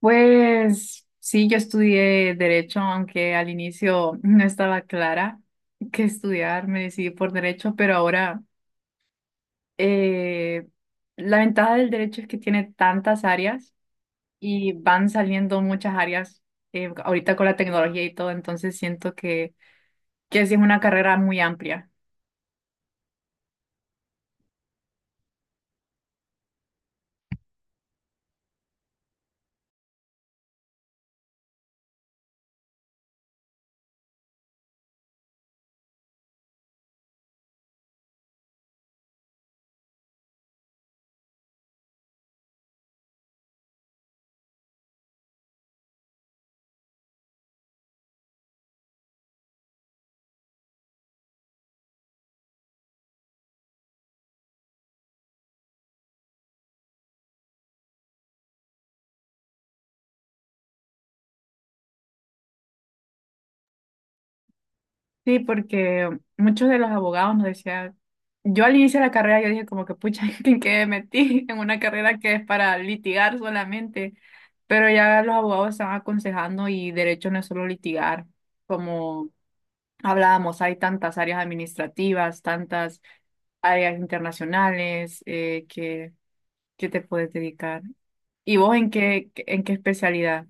Pues sí, yo estudié derecho, aunque al inicio no estaba clara que estudiar, me decidí por derecho, pero ahora eh, la ventaja del derecho es que tiene tantas áreas y van saliendo muchas áreas ahorita con la tecnología y todo, entonces siento que sí es una carrera muy amplia. Sí, porque muchos de los abogados nos decían, yo al inicio de la carrera yo dije como que pucha, ¿en qué me metí? En una carrera que es para litigar solamente, pero ya los abogados están aconsejando y derecho no es solo litigar, como hablábamos, hay tantas áreas administrativas, tantas áreas internacionales que, te puedes dedicar. ¿Y vos en qué especialidad?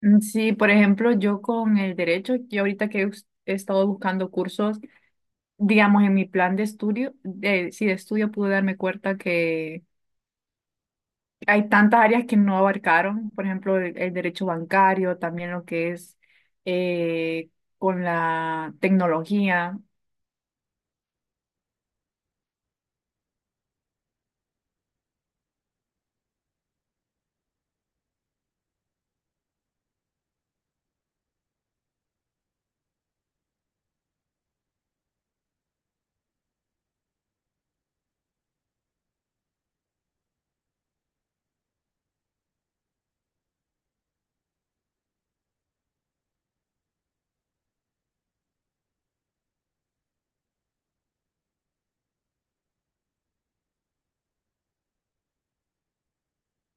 Mm, sí, por ejemplo, yo con el derecho, yo ahorita que he estado buscando cursos, digamos, en mi plan de estudio, de, sí, de estudio pude darme cuenta que hay tantas áreas que no abarcaron, por ejemplo, el derecho bancario, también lo que es eh, con la tecnología.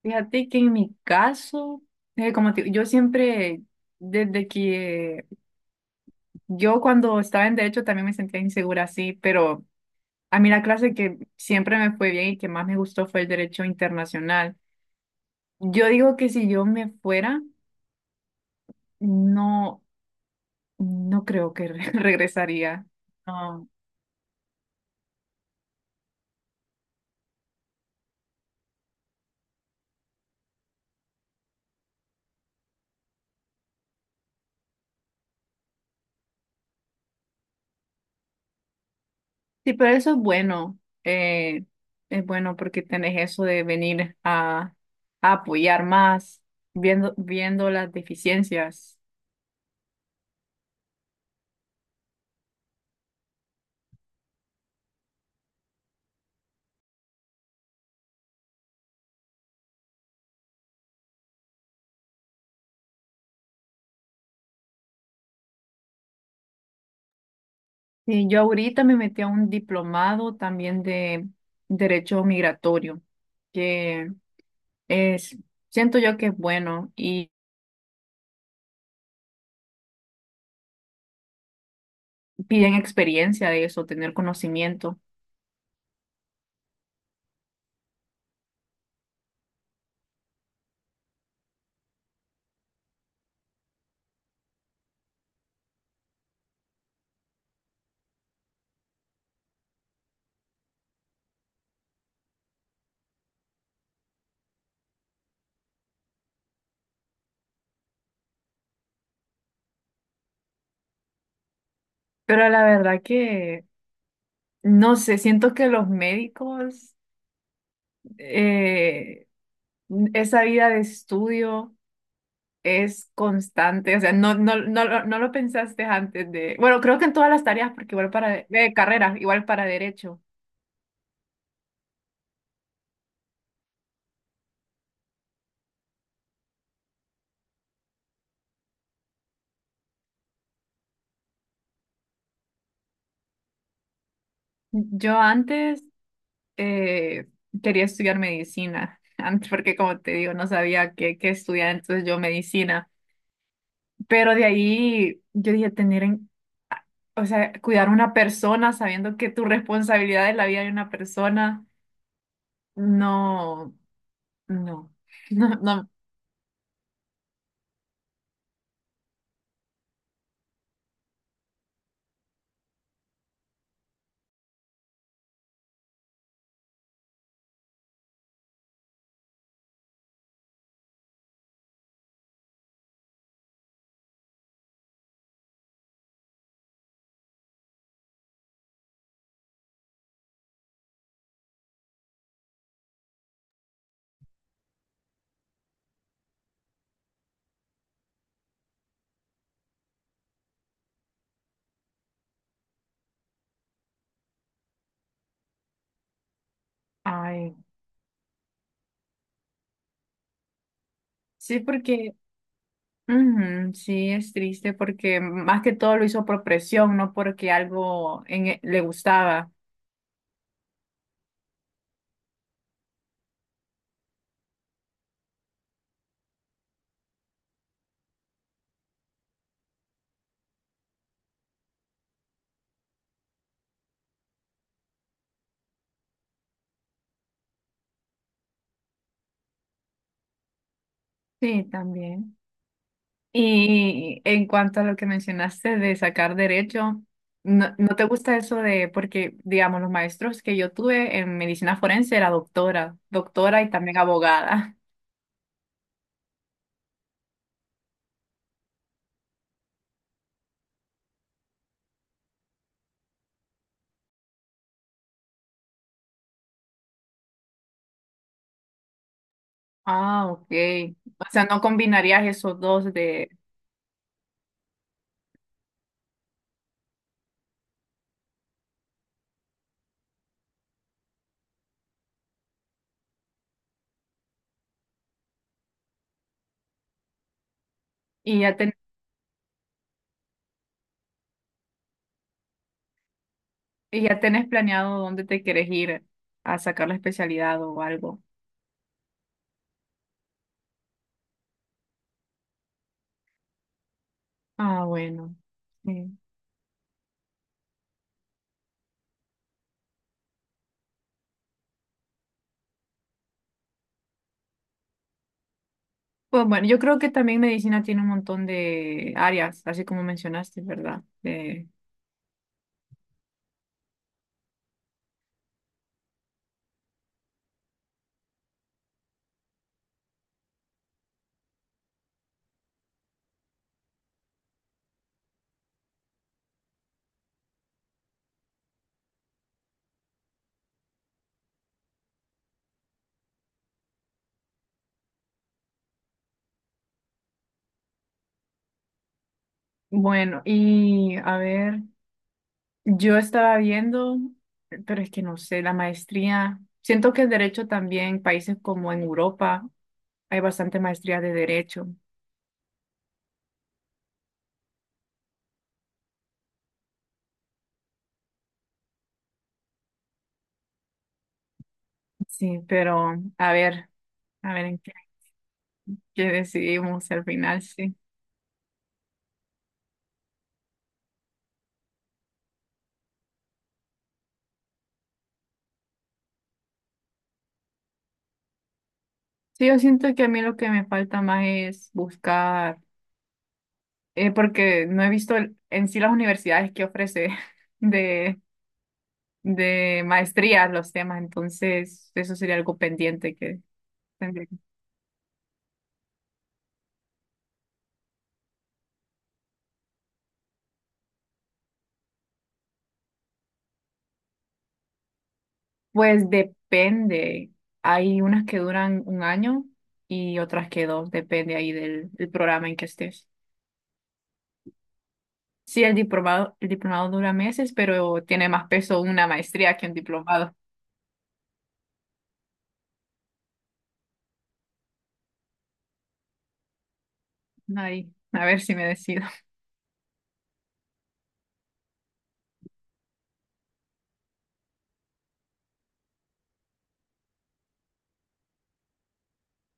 Fíjate que en mi caso, yo siempre, desde que yo cuando estaba en derecho también me sentía insegura así, pero a mí la clase que siempre me fue bien y que más me gustó fue el derecho internacional. Yo digo que si yo me fuera, no. No creo que regresaría. No. Sí, pero eso es bueno. Es bueno porque tenés eso de venir a, apoyar más, viendo las deficiencias. Sí, yo ahorita me metí a un diplomado también de derecho migratorio, que es, siento yo que es bueno y piden experiencia de eso, tener conocimiento. Pero la verdad que, no sé, siento que los médicos... eh, Esa vida de estudio es constante, o sea, no, no, no, no lo pensaste antes de, bueno, creo que en todas las tareas, porque igual para de, carrera, igual para derecho. Yo antes eh, quería estudiar medicina, antes porque como te digo, no sabía qué estudiar, entonces yo medicina, pero de ahí yo dije tener, o sea, cuidar a una persona sabiendo que tu responsabilidad es la vida de una persona, no, no, no, no, ay, sí, porque... Ujú. Sí, es triste porque más que todo lo hizo por presión, no porque algo en le gustaba. Sí, también. Y en cuanto a lo que mencionaste de sacar derecho, ¿no te gusta eso de, porque digamos, los maestros que yo tuve en medicina forense era doctora, doctora y también abogada. Ah, ok. O sea, no combinarías esos dos de, y ya ten- y ya tenés planeado dónde te quieres ir a sacar la especialidad o algo. Ah, bueno. Sí. Pues bueno, yo creo que también medicina tiene un montón de áreas, así como mencionaste, ¿verdad? Bueno, y a ver, yo estaba viendo, pero es que no sé, la maestría, siento que el derecho también, países como en Europa, hay bastante maestría de derecho, sí, pero a ver en qué, decidimos al final, sí. Sí, yo siento que a mí lo que me falta más es buscar. Porque no he visto en sí las universidades que ofrece de, de maestría los temas, entonces eso sería algo pendiente que tendría. Pues depende, hay unas que duran un año y otras que dos, depende ahí del, del programa en que estés. Sí, el diplomado, dura meses, pero tiene más peso una maestría que un diplomado. Ahí, a ver si me decido.